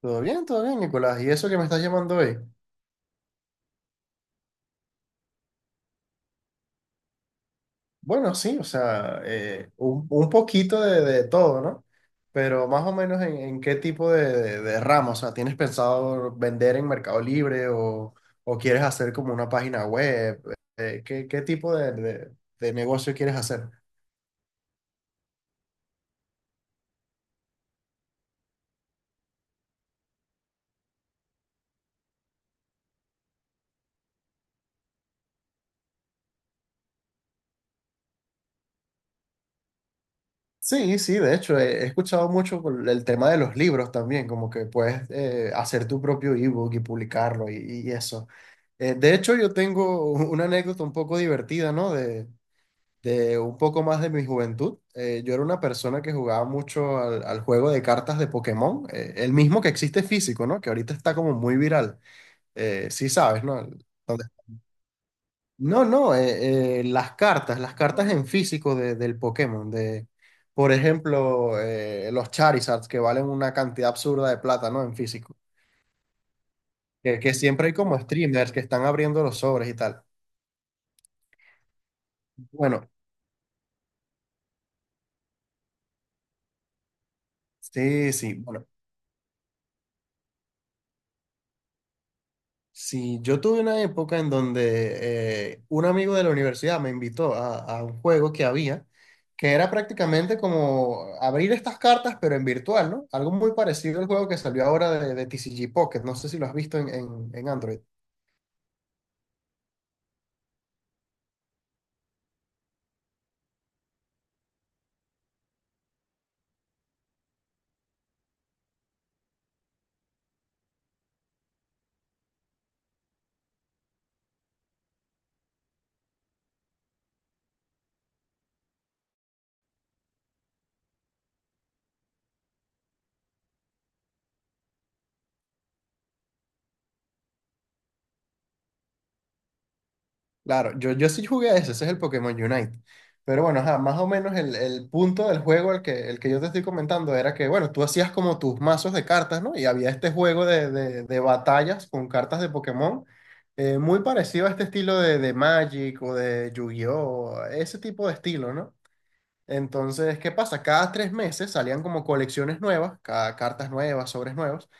Todo bien, Nicolás. ¿Y eso que me estás llamando hoy? Bueno, sí, o sea, un poquito de todo, ¿no? Pero más o menos en qué tipo de ramo. O sea, ¿tienes pensado vender en Mercado Libre o quieres hacer como una página web? ¿Qué tipo de negocio quieres hacer? Sí, sí, de hecho, he escuchado mucho por el tema de los libros también, como que puedes hacer tu propio ebook y publicarlo y eso. De hecho, yo tengo una anécdota un poco divertida, ¿no? De un poco más de mi juventud. Yo era una persona que jugaba mucho al juego de cartas de Pokémon, el mismo que existe físico, ¿no? Que ahorita está como muy viral. Sí sabes, ¿no? No, no, las cartas en físico del Pokémon, por ejemplo, los Charizards que valen una cantidad absurda de plata, ¿no? En físico. Que siempre hay como streamers que están abriendo los sobres y tal. Bueno. Sí, sí. Bueno. Sí, yo tuve una época en donde un amigo de la universidad me invitó a un juego que había, que era prácticamente como abrir estas cartas, pero en virtual, ¿no? Algo muy parecido al juego que salió ahora de TCG Pocket, no sé si lo has visto en, en Android. Claro, yo sí jugué a ese. Ese es el Pokémon Unite. Pero bueno, ajá, más o menos el punto del juego, el que yo te estoy comentando, era que, bueno, tú hacías como tus mazos de cartas, ¿no? Y había este juego de batallas con cartas de Pokémon, muy parecido a este estilo de Magic o de Yu-Gi-Oh, ese tipo de estilo, ¿no? Entonces, ¿qué pasa? Cada 3 meses salían como colecciones nuevas, cada cartas nuevas, sobres nuevos.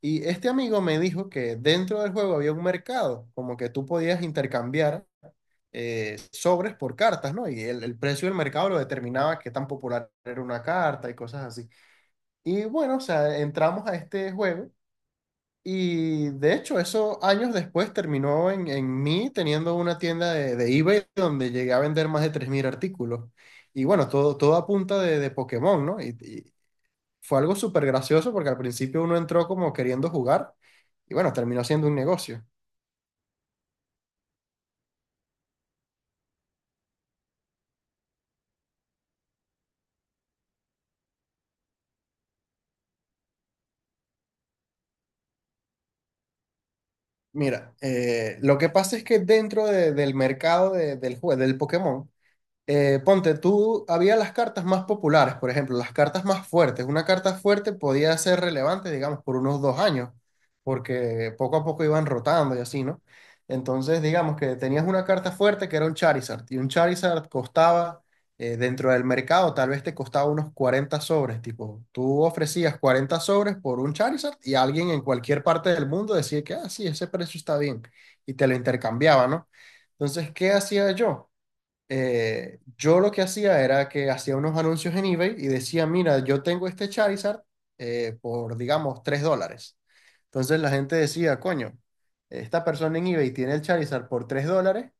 Y este amigo me dijo que dentro del juego había un mercado, como que tú podías intercambiar sobres por cartas, ¿no? Y el precio del mercado lo determinaba qué tan popular era una carta y cosas así. Y bueno, o sea, entramos a este juego y de hecho eso años después terminó en mí teniendo una tienda de eBay donde llegué a vender más de 3.000 artículos. Y bueno, todo a punta de Pokémon, ¿no? Y fue algo súper gracioso porque al principio uno entró como queriendo jugar y bueno, terminó siendo un negocio. Mira, lo que pasa es que dentro del mercado del juego, del Pokémon, ponte, tú, había las cartas más populares, por ejemplo, las cartas más fuertes. Una carta fuerte podía ser relevante, digamos, por unos 2 años, porque poco a poco iban rotando y así, ¿no? Entonces, digamos que tenías una carta fuerte que era un Charizard, y un Charizard costaba, dentro del mercado, tal vez te costaba unos 40 sobres, tipo, tú ofrecías 40 sobres por un Charizard y alguien en cualquier parte del mundo decía que, ah, sí, ese precio está bien, y te lo intercambiaba, ¿no? Entonces, ¿qué hacía yo? Yo lo que hacía era que hacía unos anuncios en eBay y decía, mira, yo tengo este Charizard por, digamos, $3. Entonces la gente decía, coño, esta persona en eBay tiene el Charizard por $3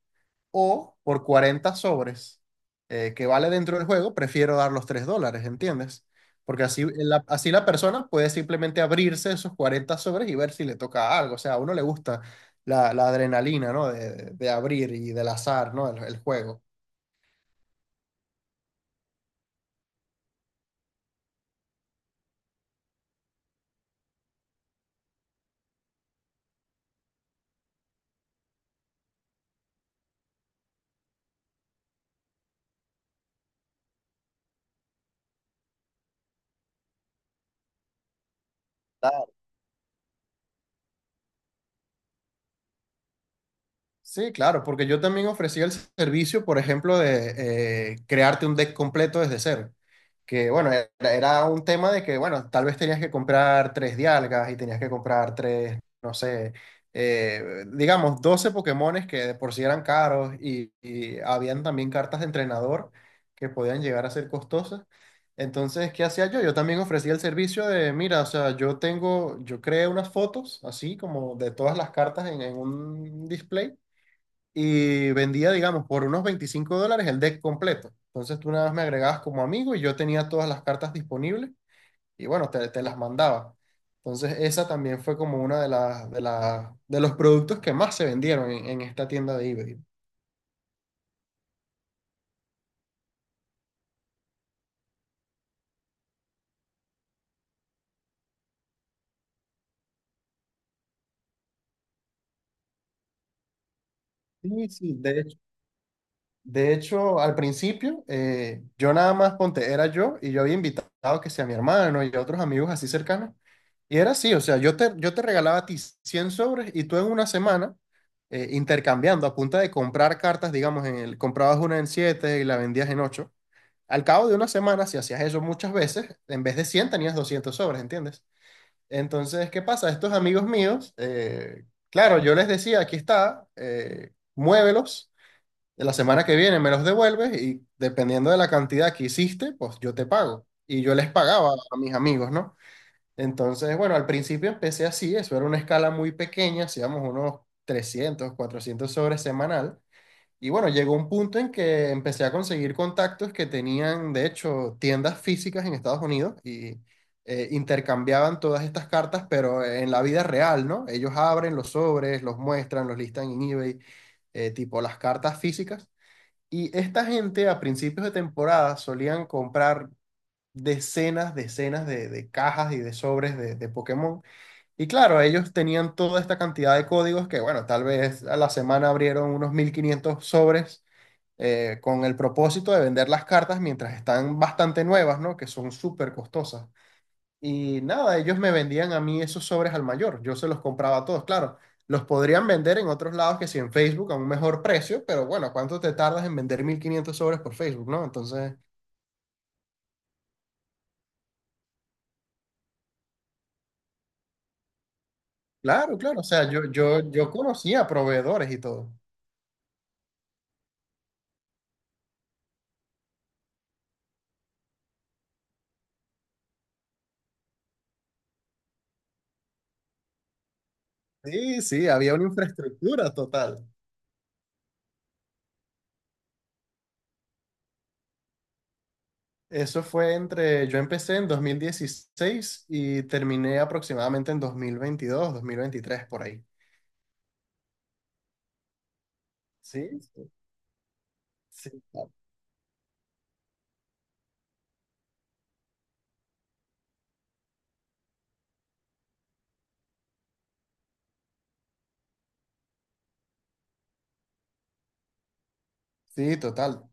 o por 40 sobres que vale dentro del juego, prefiero dar los $3, ¿entiendes? Porque así la persona puede simplemente abrirse esos 40 sobres y ver si le toca algo. O sea, a uno le gusta la adrenalina, ¿no? De abrir y del azar, ¿no? El juego. Sí, claro, porque yo también ofrecía el servicio, por ejemplo, de crearte un deck completo desde cero. Que bueno, era un tema de que, bueno, tal vez tenías que comprar tres dialgas y tenías que comprar tres, no sé, digamos, 12 Pokémones que de por sí eran caros y habían también cartas de entrenador que podían llegar a ser costosas. Entonces, ¿qué hacía yo? Yo también ofrecía el servicio de, mira, o sea, yo creé unas fotos así como de todas las cartas en un display y vendía, digamos, por unos $25 el deck completo. Entonces tú nada más me agregabas como amigo y yo tenía todas las cartas disponibles y bueno, te las mandaba. Entonces esa también fue como una de los productos que más se vendieron en esta tienda de eBay. Sí, sí, de hecho, al principio yo nada más ponte, era yo y yo había invitado que sea mi hermano y a otros amigos así cercanos. Y era así, o sea, yo te regalaba a ti 100 sobres y tú en una semana intercambiando a punta de comprar cartas, digamos, comprabas una en 7 y la vendías en ocho. Al cabo de una semana, si hacías eso muchas veces, en vez de 100 tenías 200 sobres, ¿entiendes? Entonces, ¿qué pasa? Estos amigos míos, claro, yo les decía, aquí está, muévelos, la semana que viene me los devuelves y dependiendo de la cantidad que hiciste, pues yo te pago. Y yo les pagaba a mis amigos, ¿no? Entonces, bueno, al principio empecé así, eso era una escala muy pequeña, hacíamos unos 300, 400 sobres semanal. Y bueno, llegó un punto en que empecé a conseguir contactos que tenían, de hecho, tiendas físicas en Estados Unidos y intercambiaban todas estas cartas, pero en la vida real, ¿no? Ellos abren los sobres, los muestran, los listan en eBay, tipo las cartas físicas. Y esta gente a principios de temporada solían comprar decenas, decenas de cajas y de sobres de Pokémon. Y claro, ellos tenían toda esta cantidad de códigos que, bueno, tal vez a la semana abrieron unos 1.500 sobres con el propósito de vender las cartas mientras están bastante nuevas, ¿no? Que son súper costosas. Y nada, ellos me vendían a mí esos sobres al mayor. Yo se los compraba a todos, claro. Los podrían vender en otros lados que si en Facebook a un mejor precio, pero bueno, ¿cuánto te tardas en vender 1.500 sobres por Facebook, no? Entonces. Claro, claro, o sea, yo conocía proveedores y todo. Sí, sí, había una infraestructura total. Eso fue entre, yo empecé en 2016 y terminé aproximadamente en 2022, 2023 por ahí. Sí, sí, sí. Sí, total.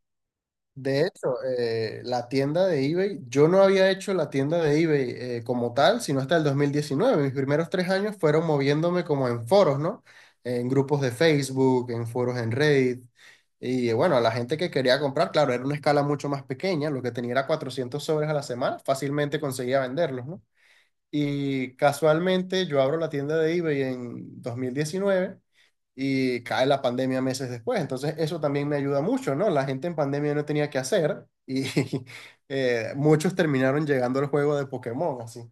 De hecho, la tienda de eBay, yo no había hecho la tienda de eBay como tal, sino hasta el 2019. Mis primeros 3 años fueron moviéndome como en foros, ¿no? En grupos de Facebook, en foros en Reddit. Y bueno, a la gente que quería comprar, claro, era una escala mucho más pequeña, lo que tenía era 400 sobres a la semana, fácilmente conseguía venderlos, ¿no? Y casualmente yo abro la tienda de eBay en 2019 y cae la pandemia meses después. Entonces, eso también me ayuda mucho, ¿no? La gente en pandemia no tenía que hacer y muchos terminaron llegando al juego de Pokémon, así.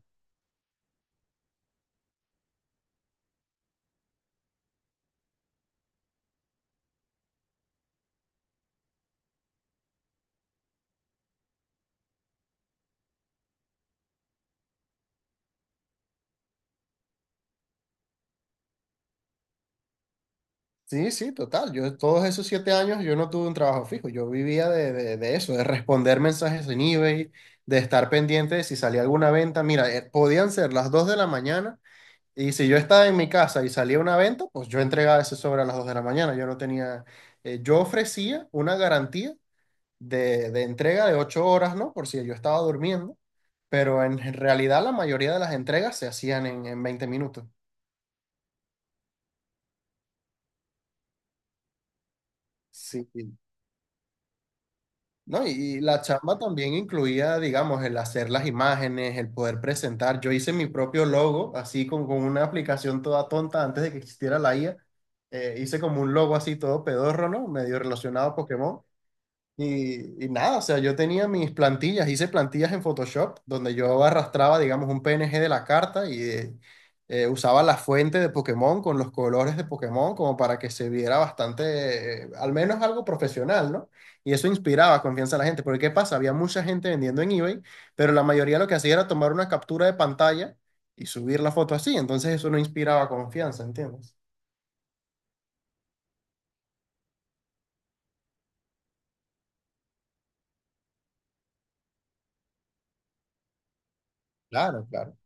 Sí, sí, total. Yo todos esos 7 años yo no tuve un trabajo fijo. Yo vivía de eso, de responder mensajes en eBay, de estar pendiente de si salía alguna venta. Mira, podían ser las 2 de la mañana y si yo estaba en mi casa y salía una venta, pues yo entregaba ese sobre a las 2 de la mañana. Yo no tenía, yo ofrecía una garantía de entrega de 8 horas, ¿no? Por si yo estaba durmiendo, pero en realidad la mayoría de las entregas se hacían en 20 minutos. Sí, ¿no? Y la chamba también incluía, digamos, el hacer las imágenes, el poder presentar. Yo hice mi propio logo, así con una aplicación toda tonta antes de que existiera la IA. Hice como un logo así todo pedorro, ¿no? Medio relacionado a Pokémon. Y nada, o sea, yo tenía mis plantillas, hice plantillas en Photoshop, donde yo arrastraba, digamos, un PNG de la carta y usaba la fuente de Pokémon con los colores de Pokémon como para que se viera bastante, al menos algo profesional, ¿no? Y eso inspiraba confianza a la gente, porque ¿qué pasa? Había mucha gente vendiendo en eBay, pero la mayoría lo que hacía era tomar una captura de pantalla y subir la foto así, entonces eso no inspiraba confianza, ¿entiendes? Claro, claro.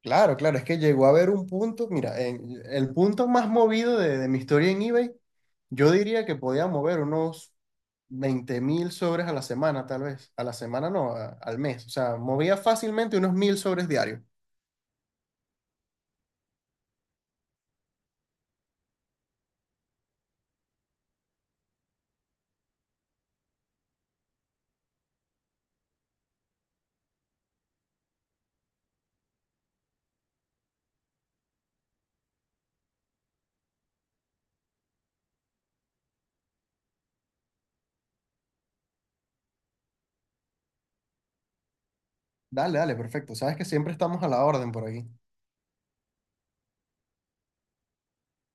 Claro, claro, es que llegó a haber un punto, mira, el punto más movido de mi historia en eBay, yo diría que podía mover unos 20.000 sobres a la semana, tal vez. A la semana no, al mes. O sea, movía fácilmente unos 1.000 sobres diarios. Dale, dale, perfecto. Sabes que siempre estamos a la orden por aquí.